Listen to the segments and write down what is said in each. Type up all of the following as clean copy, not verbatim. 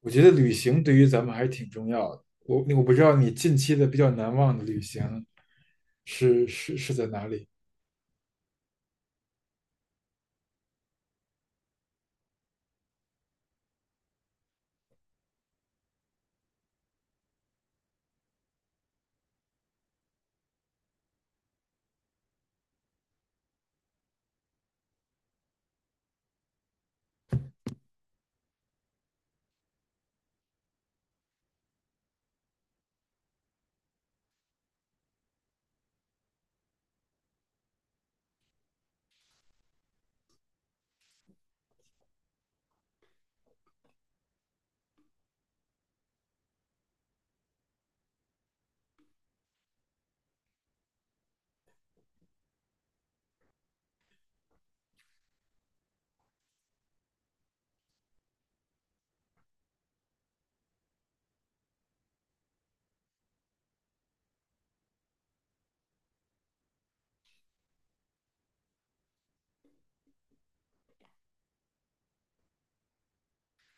我觉得旅行对于咱们还是挺重要的。我不知道你近期的比较难忘的旅行是在哪里？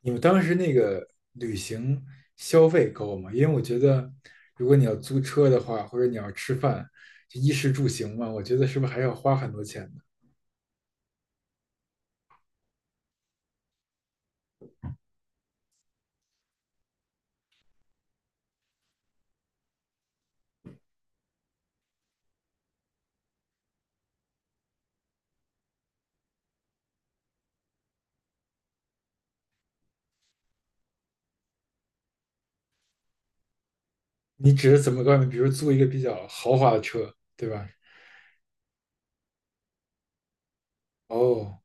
你们当时那个旅行消费高吗？因为我觉得，如果你要租车的话，或者你要吃饭，就衣食住行嘛，我觉得是不是还要花很多钱呢？你指的怎么个？比如租一个比较豪华的车，对吧？哦，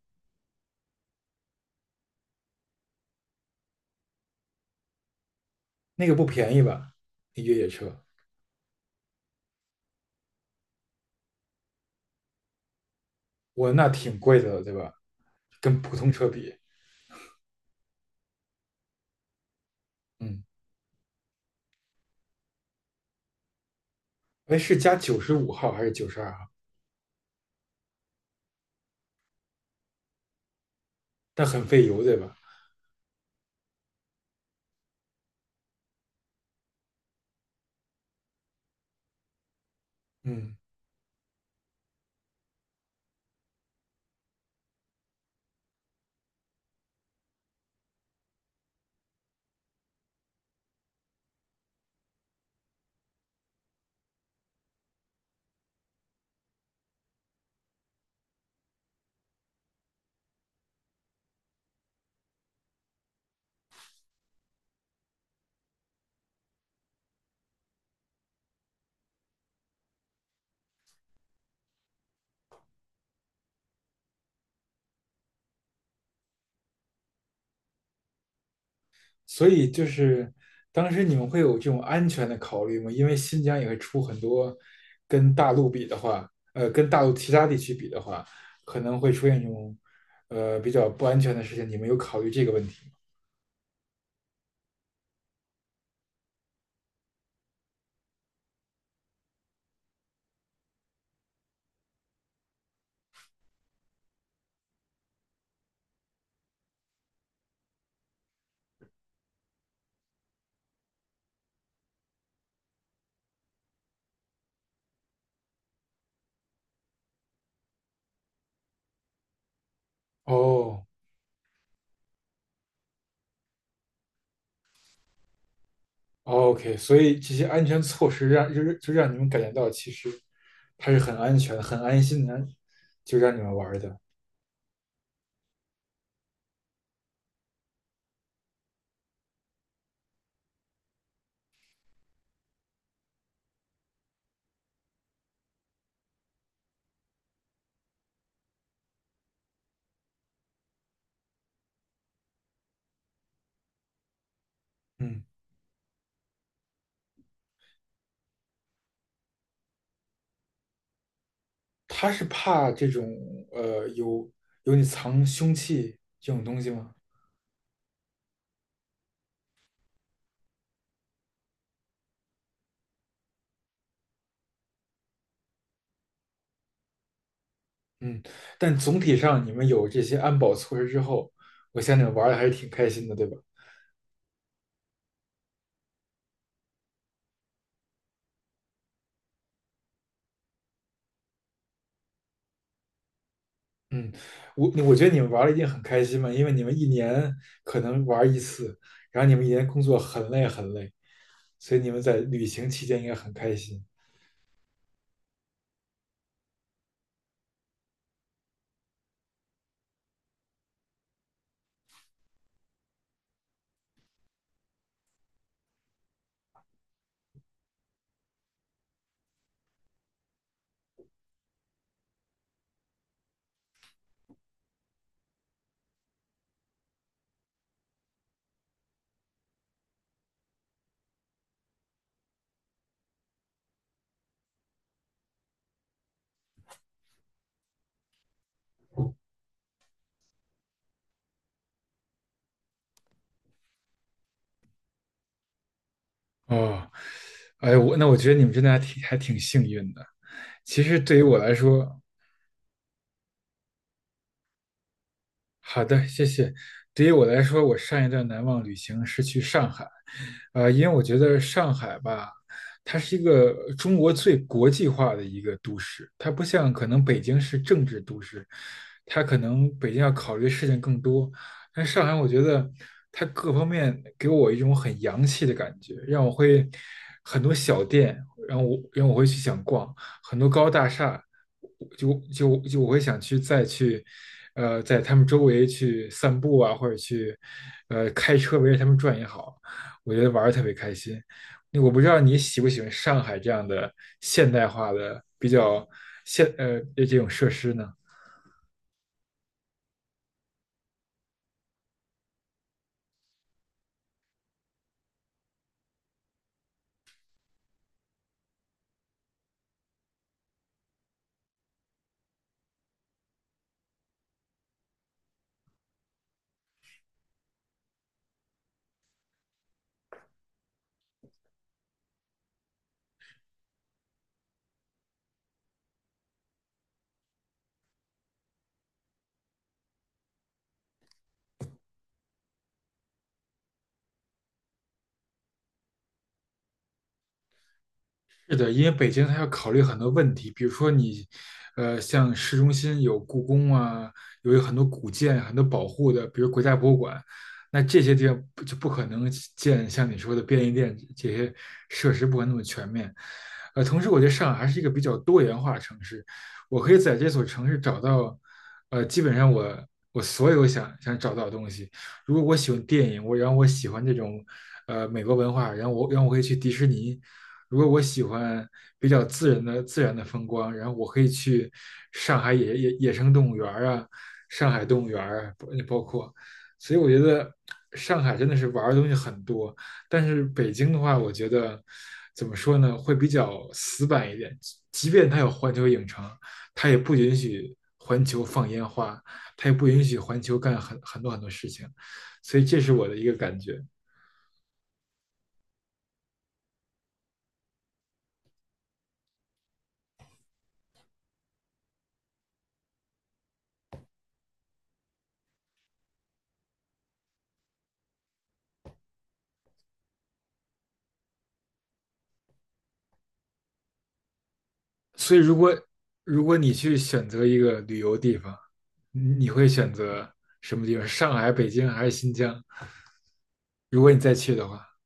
那个不便宜吧？那越野车，我那挺贵的了，对吧？跟普通车比，嗯。哎，是加95号还是92号？但很费油，对吧？嗯，所以就是当时你们会有这种安全的考虑吗？因为新疆也会出很多跟大陆比的话，跟大陆其他地区比的话，可能会出现这种比较不安全的事情。你们有考虑这个问题吗？哦，哦，OK，所以这些安全措施让就是就让你们感觉到其实它是很安全、很安心的，就让你们玩儿的。嗯。他是怕这种呃有有你藏凶器这种东西吗？嗯，但总体上你们有这些安保措施之后，我想你们玩的还是挺开心的，对吧？嗯，我觉得你们玩的一定很开心嘛，因为你们一年可能玩一次，然后你们一年工作很累很累，所以你们在旅行期间应该很开心。哦，哎，我那我觉得你们真的还挺幸运的。其实对于我来说，好的，谢谢。对于我来说，我上一段难忘旅行是去上海，因为我觉得上海吧，它是一个中国最国际化的一个都市，它不像可能北京是政治都市，它可能北京要考虑的事情更多，但上海我觉得它各方面给我一种很洋气的感觉，让我会很多小店，然后让我会去想逛，很多高大厦，就我会想去再去，在他们周围去散步啊，或者去，开车围着他们转也好，我觉得玩的特别开心。那我不知道你喜不喜欢上海这样的现代化的比较这种设施呢？是的，因为北京它要考虑很多问题，比如说你，像市中心有故宫啊，有很多古建、很多保护的，比如国家博物馆，那这些地方不就不可能建像你说的便利店这些设施，不可能那么全面。呃，同时我觉得上海还是一个比较多元化的城市，我可以在这所城市找到，基本上我所有想找到的东西。如果我喜欢电影，然后我喜欢这种，美国文化，然后我可以去迪士尼，如果我喜欢比较自然的风光，然后我可以去上海野生动物园啊，上海动物园啊，包括，所以我觉得上海真的是玩儿的东西很多，但是北京的话，我觉得怎么说呢，会比较死板一点，即便它有环球影城，它也不允许环球放烟花，它也不允许环球干很多很多事情，所以这是我的一个感觉。所以如果你去选择一个旅游地方，你会选择什么地方？上海、北京还是新疆？如果你再去的话，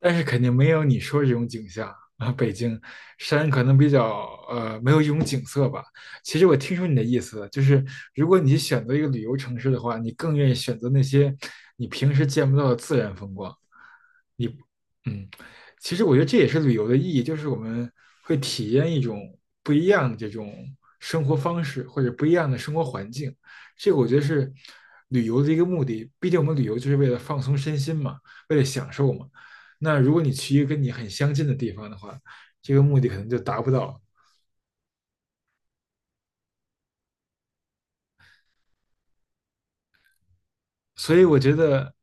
但是肯定没有你说这种景象啊。北京山可能比较没有一种景色吧。其实我听出你的意思了，就是如果你选择一个旅游城市的话，你更愿意选择那些你平时见不到的自然风光。嗯，其实我觉得这也是旅游的意义，就是我们会体验一种不一样的这种生活方式，或者不一样的生活环境。这个我觉得是旅游的一个目的。毕竟我们旅游就是为了放松身心嘛，为了享受嘛。那如果你去一个跟你很相近的地方的话，这个目的可能就达不到。所以我觉得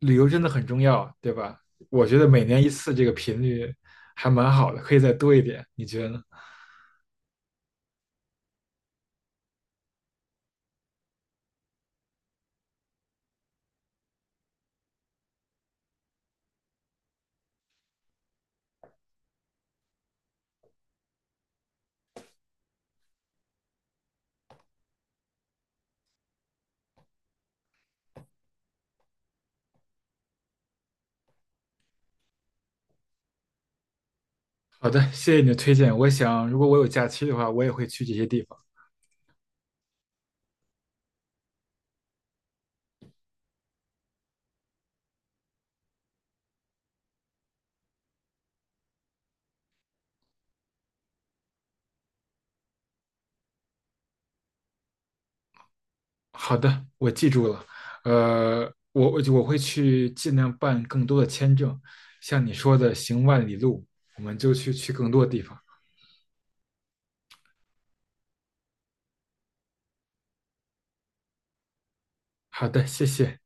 旅游真的很重要，对吧？我觉得每年一次这个频率还蛮好的，可以再多一点。你觉得呢？好的，谢谢你的推荐。我想，如果我有假期的话，我也会去这些地方。好的，我记住了。呃，我会去尽量办更多的签证，像你说的行万里路，我们就去更多的地方。好的，谢谢。